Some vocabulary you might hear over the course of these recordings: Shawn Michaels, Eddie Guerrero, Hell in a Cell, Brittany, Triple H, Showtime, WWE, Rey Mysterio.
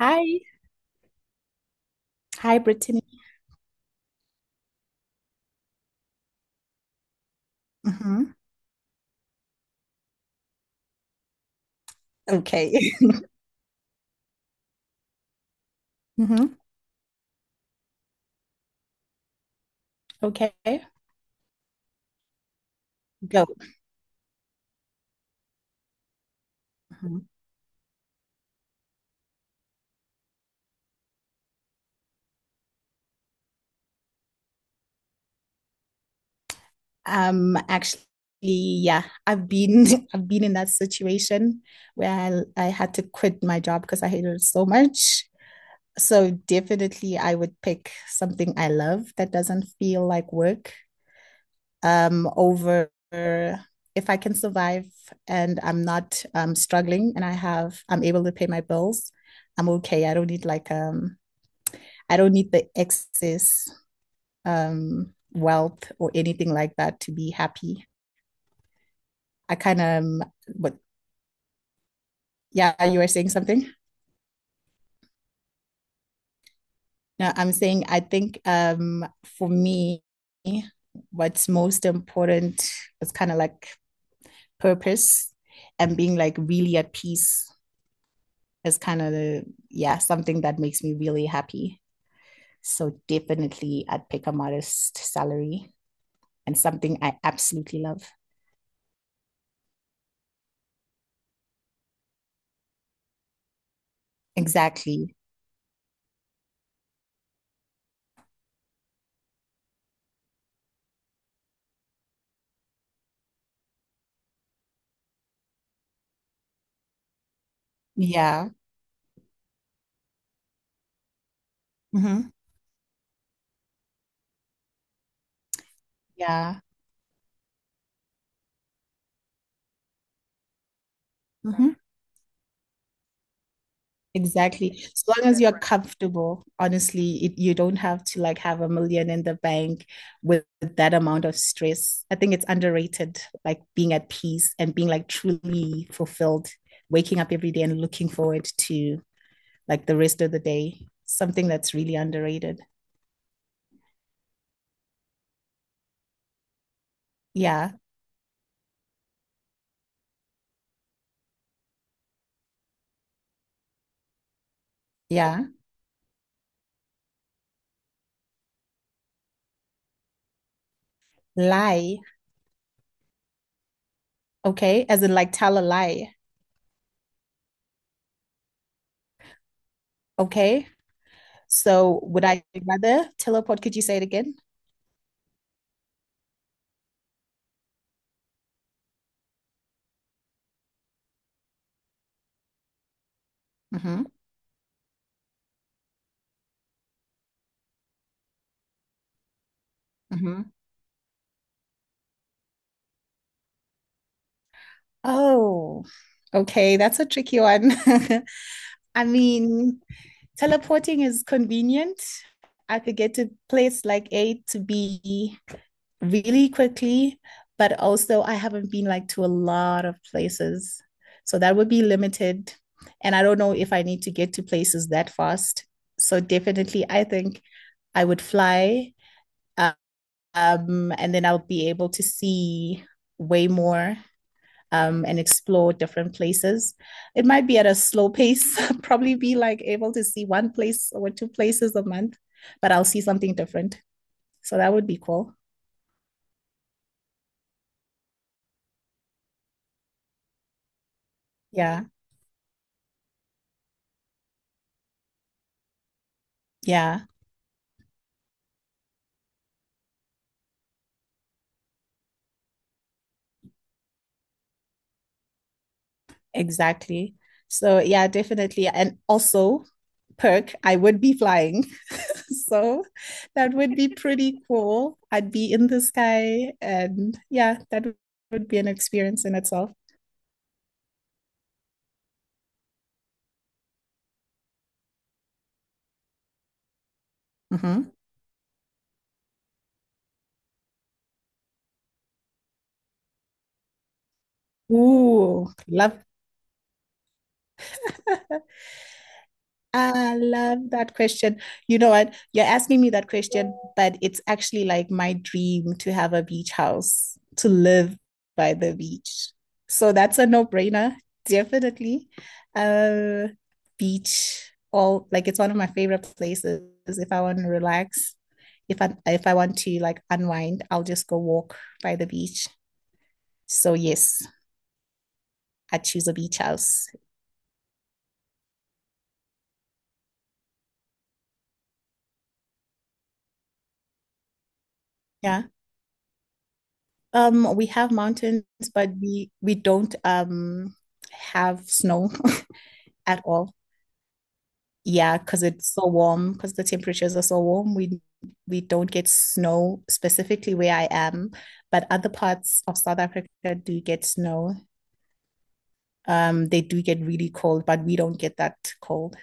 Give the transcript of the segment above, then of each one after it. Hi. Hi, Brittany. hmm Okay. hmm Okay, go. Mhm. Actually, yeah, I've been I've been in that situation where I had to quit my job because I hated it so much. So definitely I would pick something I love that doesn't feel like work, over if I can survive and I'm not struggling and I'm able to pay my bills, I'm okay. I don't need I don't need the excess wealth or anything like that to be happy. I kind of, but Yeah, you were saying something. No, I'm saying I think, for me, what's most important is kind of like purpose and being like really at peace is kind of the yeah something that makes me really happy. So definitely, I'd pick a modest salary and something I absolutely love. Exactly. Yeah. Mm-hmm. Yeah. Mhm. Exactly. As long as you're right, comfortable, honestly, you don't have to like have a million in the bank with that amount of stress. I think it's underrated, like being at peace and being like truly fulfilled, waking up every day and looking forward to like the rest of the day. Something that's really underrated. Yeah. Yeah. Lie. Okay. As in like tell a lie. Okay. So would I rather tell a pod? Could you say it again? Mm-hmm. Mm-hmm. Oh, okay. That's a tricky one. I mean, teleporting is convenient. I could get to place like A to B really quickly, but also I haven't been like to a lot of places. So that would be limited. And I don't know if I need to get to places that fast. So definitely, I think I would fly, and then I'll be able to see way more and explore different places. It might be at a slow pace, probably be like able to see one place or two places a month, but I'll see something different. So that would be cool. Yeah. Yeah, exactly. So, yeah, definitely. And also, perk, I would be flying. So that would be pretty cool. I'd be in the sky. And yeah, that would be an experience in itself. Mm-hmm. Ooh, love. I love that question. You know what? You're asking me that question, but it's actually like my dream to have a beach house, to live by the beach. So that's a no-brainer, definitely. Uh, Beach, all like it's one of my favorite places. If I want to relax, if I want to like unwind, I'll just go walk by the beach. So yes, I choose a beach house. Yeah. We have mountains, but we don't have snow at all. Yeah, because it's so warm, because the temperatures are so warm, we don't get snow specifically where I am, but other parts of South Africa do get snow. They do get really cold, but we don't get that cold.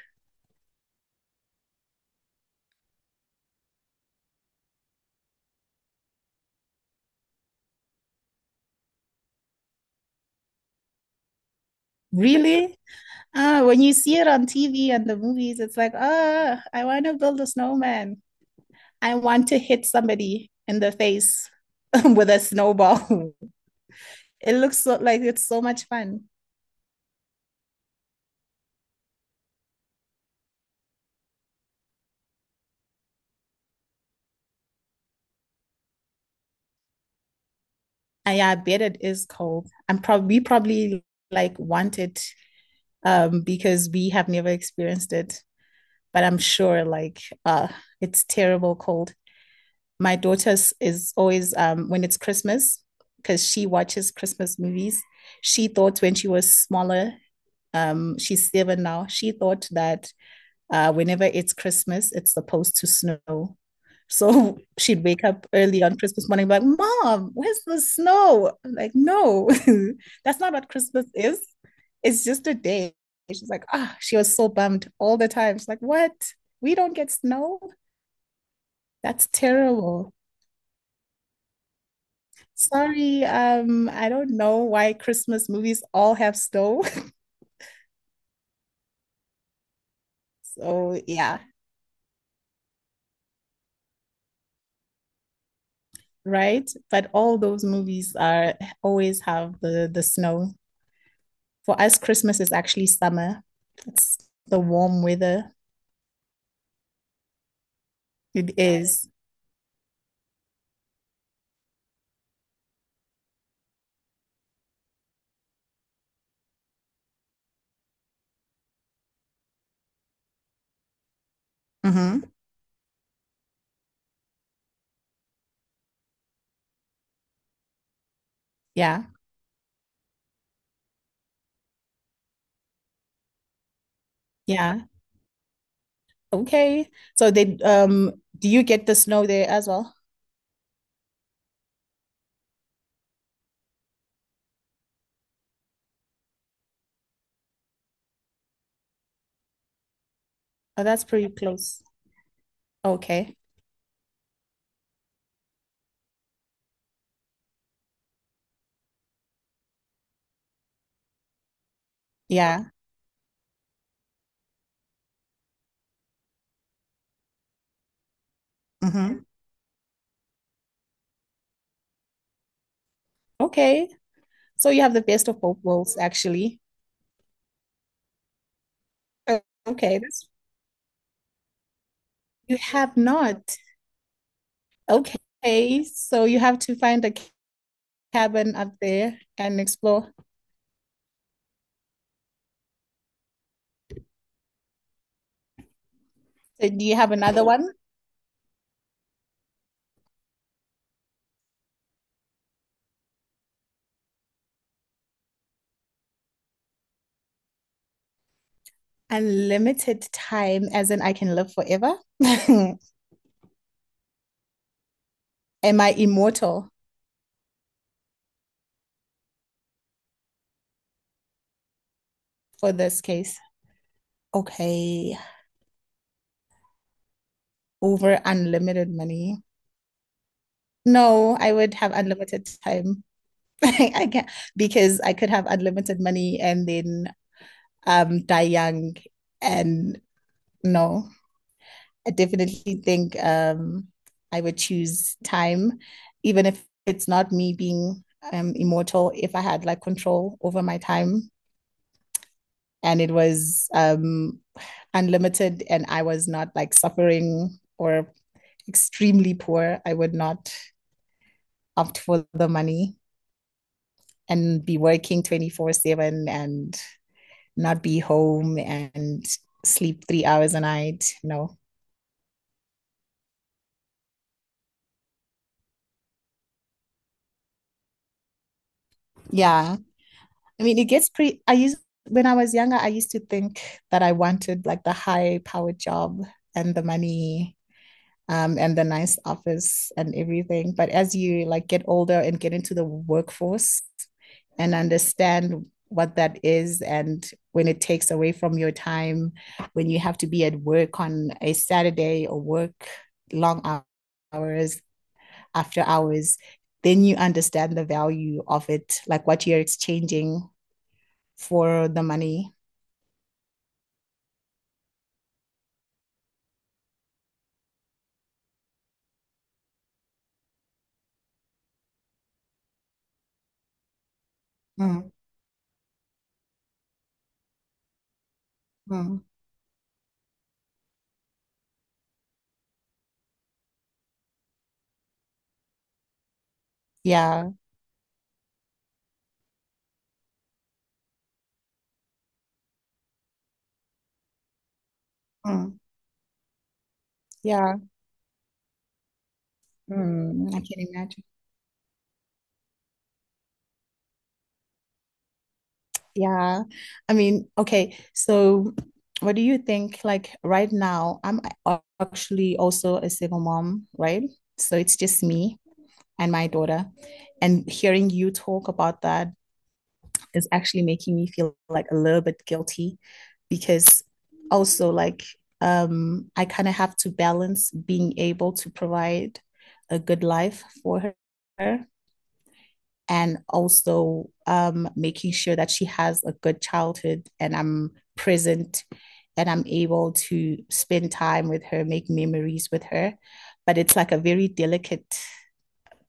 Really? When you see it on TV and the movies, it's like, oh, I want to build a snowman. I want to hit somebody in the face with a snowball. It looks so like it's so much fun. And yeah, I bet it is cold. I'm probably we probably like want it because we have never experienced it. But I'm sure like it's terrible cold. My daughter is always when it's Christmas, because she watches Christmas movies. She thought when she was smaller, she's 7 now, she thought that whenever it's Christmas, it's supposed to snow. So she'd wake up early on Christmas morning, like, Mom, where's the snow? I'm like, no, that's not what Christmas is. It's just a day. She's like, ah, oh, she was so bummed all the time. She's like, what? We don't get snow? That's terrible. Sorry, I don't know why Christmas movies all have snow. So yeah, right. But all those movies are always have the snow. For us, Christmas is actually summer. It's the warm weather. It is. Mm-hmm. Yeah. Yeah. Okay. So they do you get the snow there as well? Oh, that's pretty close. Okay. Yeah. Mm-hmm. Okay. So you have the best of both worlds, actually. O- Okay. That's, you have not. Okay. So you have to find a cabin up there and explore. So do you have another one? Unlimited time, as in I can live forever. Am I immortal for this case? Okay. Over unlimited money. No, I would have unlimited time. I can't because I could have unlimited money and then die young and no, I definitely think I would choose time, even if it's not me being immortal, if I had like control over my time and it was unlimited and I was not like suffering or extremely poor, I would not opt for the money and be working 24/7 and not be home and sleep 3 hours a night. No. Yeah. I mean, it gets pretty. When I was younger, I used to think that I wanted like the high powered job and the money, and the nice office and everything. But as you like get older and get into the workforce and understand what that is and when it takes away from your time, when you have to be at work on a Saturday or work long hours, after hours, then you understand the value of it, like what you're exchanging for the money. Mm, mm. Yeah. Mm, yeah. Hmm, I can imagine. Yeah. I mean, okay. So, what do you think? Like, right now, actually also a single mom, right? So, it's just me and my daughter. And hearing you talk about that is actually making me feel like a little bit guilty because also, like, I kind of have to balance being able to provide a good life for her and also, making sure that she has a good childhood and I'm present and I'm able to spend time with her, make memories with her. But it's like a very delicate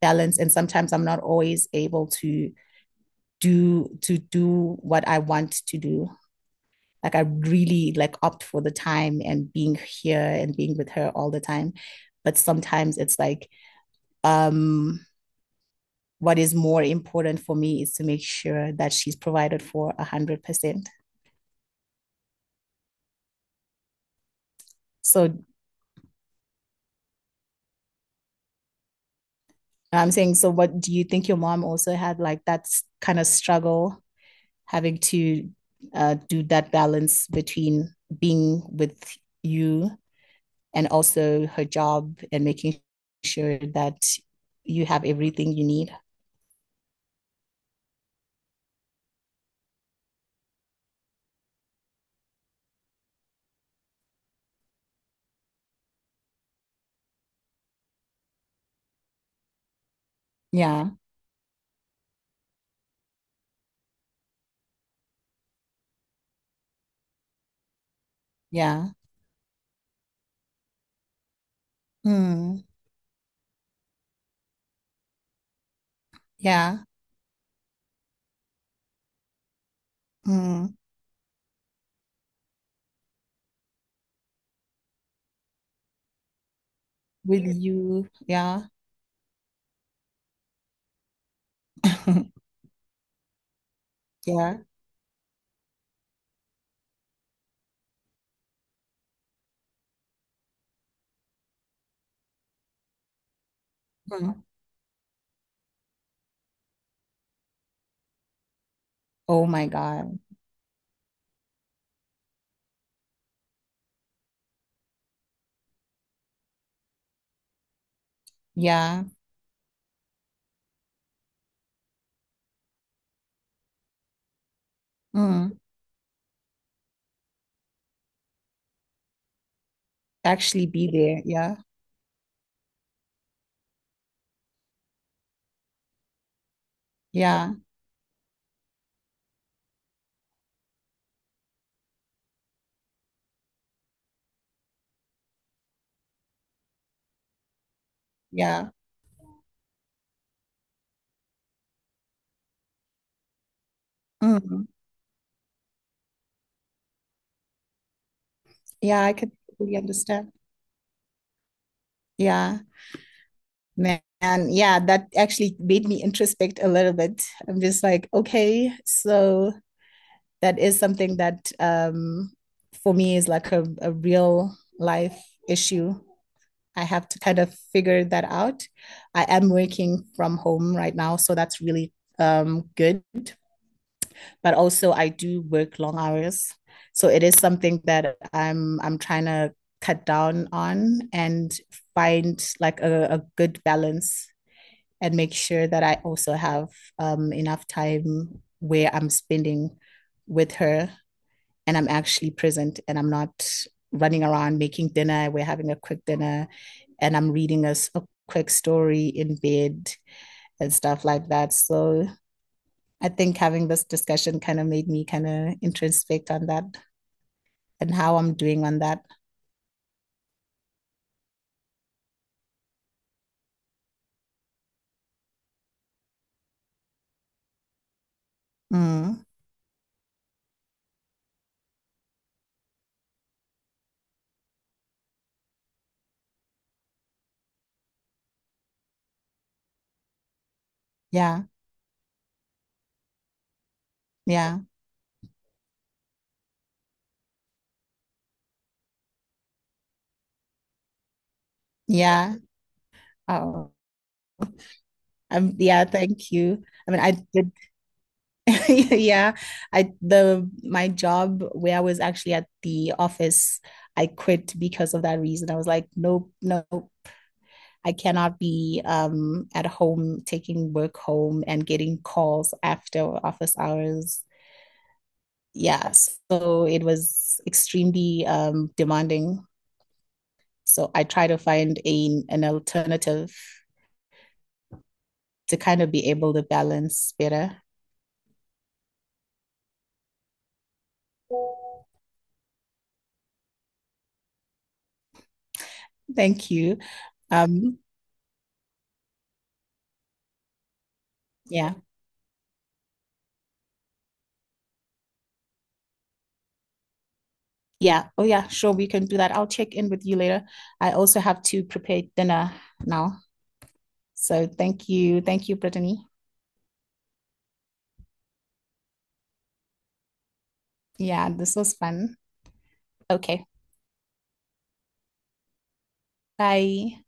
balance. And sometimes I'm not always able to do what I want to do. Like I really like opt for the time and being here and being with her all the time. But sometimes it's like um what is more important for me is to make sure that she's provided for 100%. So I'm saying, so what do you think your mom also had like that kind of struggle having to, do that balance between being with you and also her job and making sure that you have everything you need. Yeah, yeah. Mm, yeah. Mm. With you. Yeah. Yeah. Mm. Oh my God. Yeah. Mm. Actually be there. Yeah. Yeah. Yeah. Mm. Yeah, I could really understand. Yeah. Man, yeah, that actually made me introspect a little bit. I'm just like, okay, so that is something that, for me is like a real life issue. I have to kind of figure that out. I am working from home right now, so that's really, good. But also, I do work long hours, so it is something that I'm trying to cut down on and find like a good balance and make sure that I also have, enough time where I'm spending with her and I'm actually present and I'm not running around making dinner. We're having a quick dinner and I'm reading a quick story in bed and stuff like that. So I think having this discussion kind of made me kind of introspect on that and how I'm doing on that. Mm, yeah, yeah, yeah. Oh, yeah. Thank you. I mean, I did. Yeah, I the my job where I was actually at the office, I quit because of that reason. I was like, nope, nope, I cannot be at home taking work home and getting calls after office hours. Yeah, so it was extremely demanding. So I try to find a an alternative to kind of be able to balance better. Thank you. Um, yeah. Yeah. Oh, yeah. Sure. We can do that. I'll check in with you later. I also have to prepare dinner now. So thank you. Thank you, Brittany. Yeah, this was fun. Okay. Bye.